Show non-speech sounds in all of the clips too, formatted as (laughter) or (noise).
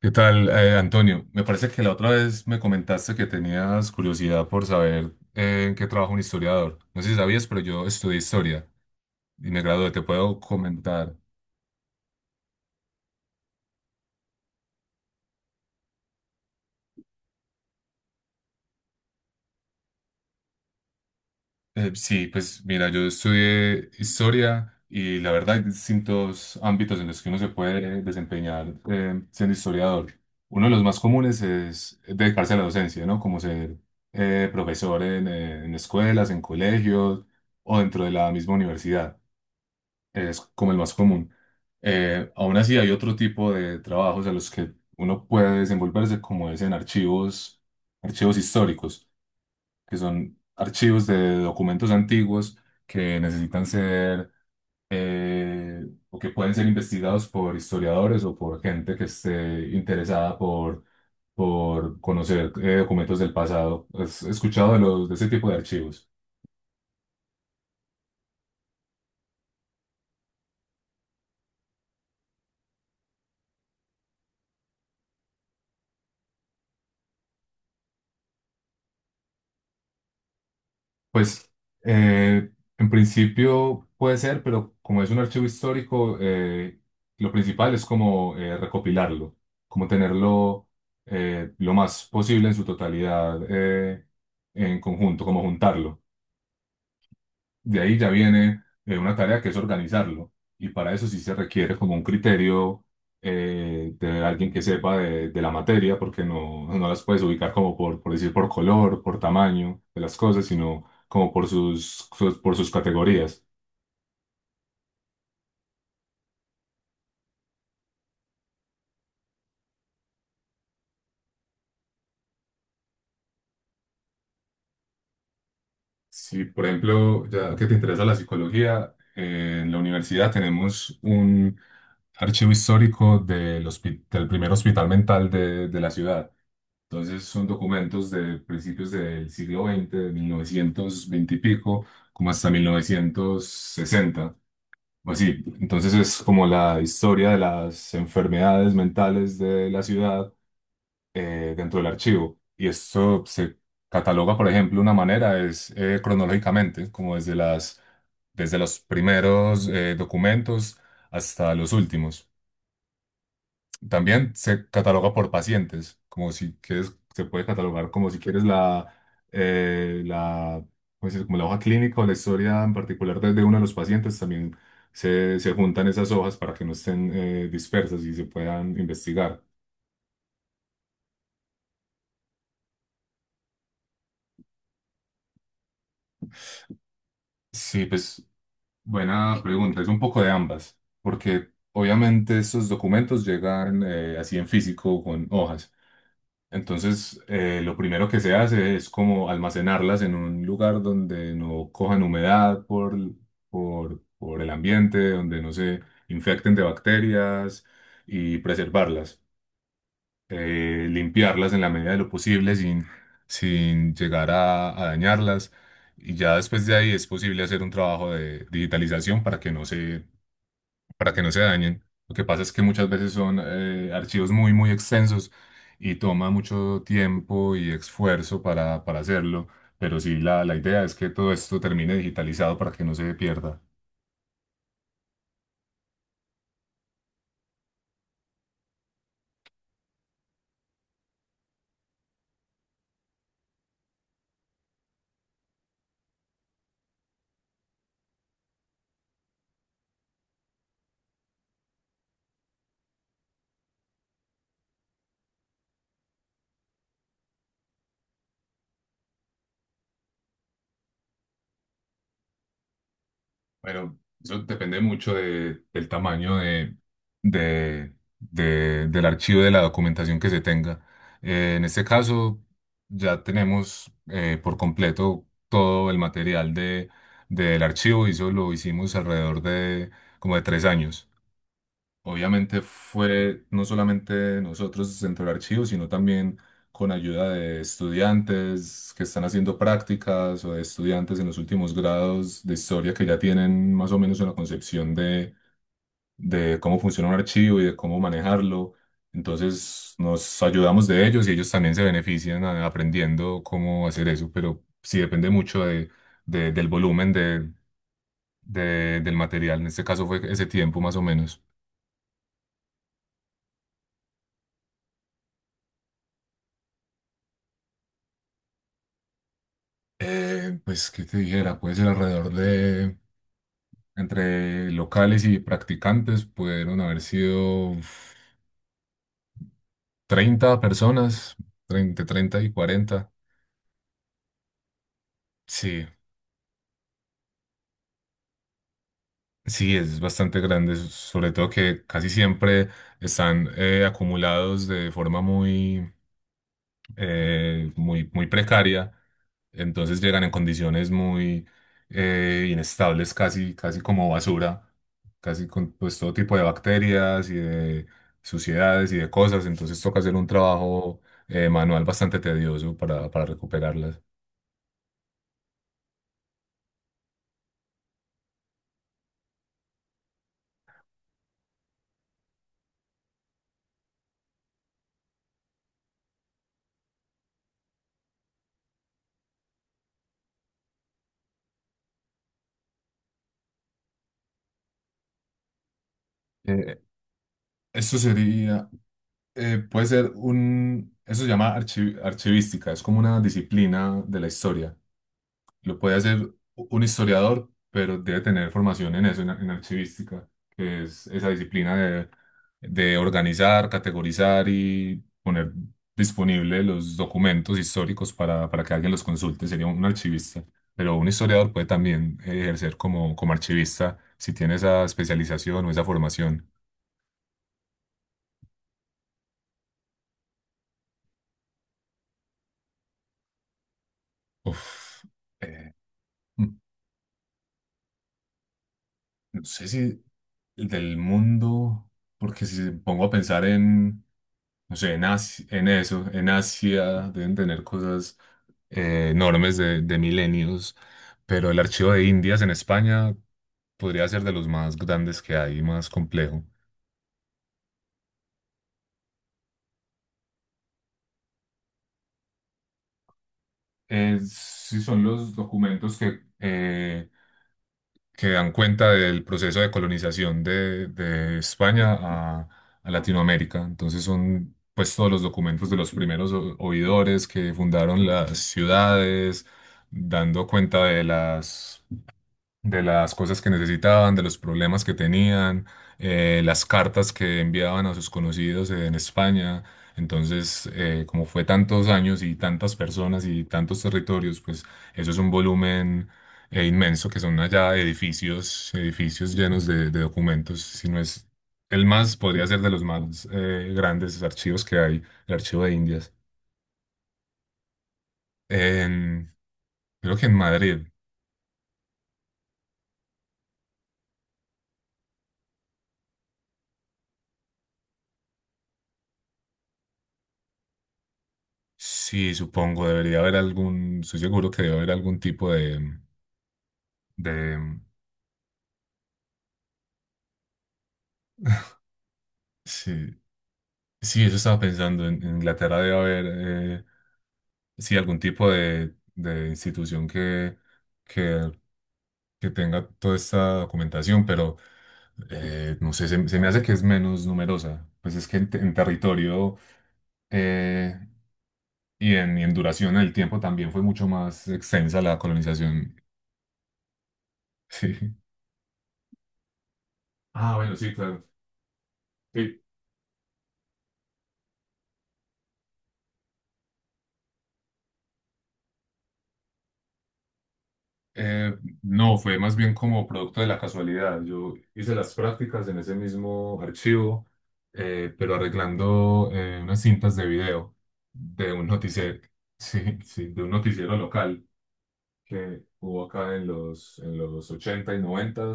¿Qué tal, Antonio? Me parece que la otra vez me comentaste que tenías curiosidad por saber en qué trabaja un historiador. No sé si sabías, pero yo estudié historia y me gradué. ¿Te puedo comentar? Sí, pues mira, yo estudié historia y la verdad hay distintos ámbitos en los que uno se puede desempeñar siendo historiador. Uno de los más comunes es dedicarse a la docencia, ¿no? Como ser profesor en escuelas, en colegios o dentro de la misma universidad. Es como el más común. Aún así hay otro tipo de trabajos a los que uno puede desenvolverse, como es en archivos, archivos históricos, que son archivos de documentos antiguos que necesitan ser eh, o que pueden ser investigados por historiadores o por gente que esté interesada por conocer documentos del pasado. ¿Has escuchado de los, de ese tipo de archivos? Pues eh, en principio puede ser, pero como es un archivo histórico, lo principal es como recopilarlo, como tenerlo lo más posible en su totalidad en conjunto, como juntarlo. De ahí ya viene una tarea que es organizarlo. Y para eso sí se requiere como un criterio de alguien que sepa de la materia, porque no, no las puedes ubicar como por decir por color, por tamaño de las cosas, sino como por sus categorías. Si, por ejemplo, ya que te interesa la psicología, en la universidad tenemos un archivo histórico del primer hospital mental de la ciudad. Entonces son documentos de principios del siglo XX, de 1920 y pico, como hasta 1960, o así. Entonces es como la historia de las enfermedades mentales de la ciudad dentro del archivo. Y esto se cataloga, por ejemplo, una manera es cronológicamente, como desde los primeros documentos hasta los últimos. También se cataloga por pacientes, como si quieres, se puede catalogar como si quieres eh, la, ¿cómo se dice? Como la hoja clínica o la historia en particular de uno de los pacientes, también se juntan esas hojas para que no estén dispersas y se puedan investigar. Sí, pues buena pregunta, es un poco de ambas, porque obviamente esos documentos llegan así en físico con hojas. Entonces, lo primero que se hace es como almacenarlas en un lugar donde no cojan humedad por el ambiente, donde no se infecten de bacterias y preservarlas, limpiarlas en la medida de lo posible sin, sin llegar a dañarlas. Y ya después de ahí es posible hacer un trabajo de digitalización para que no se dañen. Lo que pasa es que muchas veces son archivos muy, muy extensos y toma mucho tiempo y esfuerzo para hacerlo, pero sí, la idea es que todo esto termine digitalizado para que no se pierda. Bueno, eso depende mucho del tamaño de- del archivo de la documentación que se tenga. En este caso, ya tenemos por completo todo el material del archivo y eso lo hicimos alrededor de como de 3 años. Obviamente fue no solamente nosotros centro del archivo, sino también con ayuda de estudiantes que están haciendo prácticas o de estudiantes en los últimos grados de historia que ya tienen más o menos una concepción de cómo funciona un archivo y de cómo manejarlo. Entonces nos ayudamos de ellos y ellos también se benefician aprendiendo cómo hacer eso, pero sí depende mucho de, del volumen de, del material. En este caso fue ese tiempo más o menos. Pues, ¿qué te dijera? Puede ser alrededor de, entre locales y practicantes, pudieron haber sido uf, 30 personas, treinta 30 y 40. Sí, sí, es bastante grande, sobre todo que casi siempre están acumulados de forma muy, muy, muy precaria. Entonces llegan en condiciones muy inestables, casi, casi como basura, casi con pues, todo tipo de bacterias y de suciedades y de cosas. Entonces toca hacer un trabajo manual bastante tedioso para recuperarlas. Eh, eso sería, puede ser un, eso se llama archivística, es como una disciplina de la historia. Lo puede hacer un historiador, pero debe tener formación en eso, en archivística, que es esa disciplina de organizar, categorizar y poner disponible los documentos históricos para que alguien los consulte. Sería un archivista. Pero un historiador puede también ejercer como, como archivista si tiene esa especialización o esa formación. Uf. eh, No sé si el del mundo, porque si pongo a pensar en, no sé, en en eso, en Asia deben tener cosas enormes de milenios, pero el archivo de Indias en España podría ser de los más grandes que hay, más complejo. Sí, son los documentos que, que dan cuenta del proceso de colonización de España a Latinoamérica. Entonces son pues todos los documentos de los primeros oidores que fundaron las ciudades, dando cuenta de las cosas que necesitaban, de los problemas que tenían, las cartas que enviaban a sus conocidos en España. Entonces, como fue tantos años y tantas personas y tantos territorios, pues eso es un volumen inmenso que son allá edificios, edificios llenos de documentos, si no es el más, podría ser de los más grandes archivos que hay, el archivo de Indias. En- creo que en Madrid. Sí, supongo, debería haber algún, estoy seguro que debe haber algún tipo de, sí, sí, eso estaba pensando, en, Inglaterra debe haber, eh, sí, algún tipo de institución que, que tenga toda esta documentación, pero no sé, se me hace que es menos numerosa, pues es que en, en territorio eh, y en duración del tiempo también fue mucho más extensa la colonización, (laughs) sí. Ah, bueno, sí, claro. Sí, No, fue más bien como producto de la casualidad. Yo hice las prácticas en ese mismo archivo, pero arreglando unas cintas de video de un noticiero, (laughs) sí, sí, de un noticiero local que hubo acá en los 80 y 90,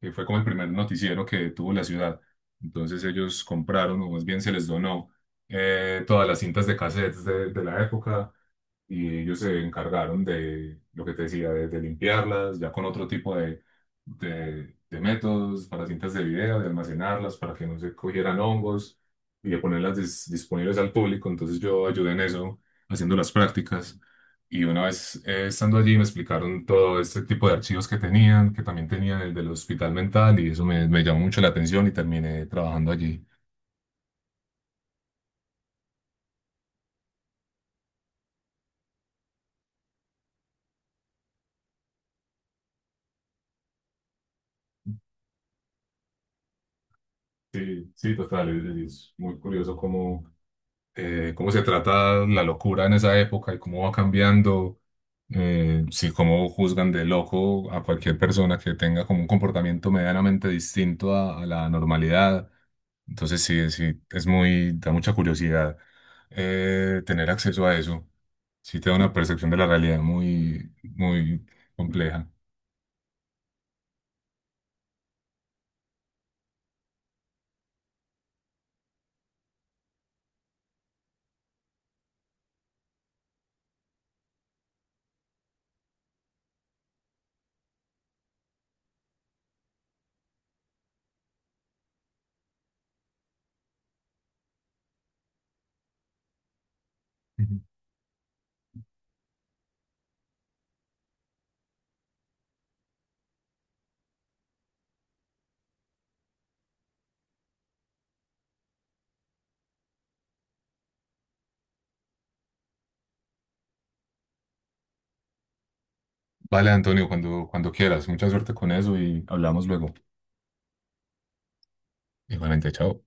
que fue como el primer noticiero que tuvo la ciudad. Entonces ellos compraron, o más bien se les donó, todas las cintas de cassettes de la época y ellos se encargaron de lo que te decía, de limpiarlas, ya con otro tipo de, de métodos para cintas de video, de almacenarlas para que no se cogieran hongos y de ponerlas disponibles al público. Entonces yo ayudé en eso, haciendo las prácticas. Y una vez estando allí me explicaron todo este tipo de archivos que tenían, que también tenían el del hospital mental y eso me llamó mucho la atención y terminé trabajando allí. Sí, sí, total, es muy curioso cómo se trata la locura en esa época y cómo va cambiando, si cómo juzgan de loco a cualquier persona que tenga como un comportamiento medianamente distinto a la normalidad. Entonces sí, sí, es muy, da mucha curiosidad tener acceso a eso. Sí te da una percepción de la realidad muy, muy compleja. Ujú. Vale, Antonio, cuando quieras. Mucha suerte con eso y hablamos luego. Igualmente, chao.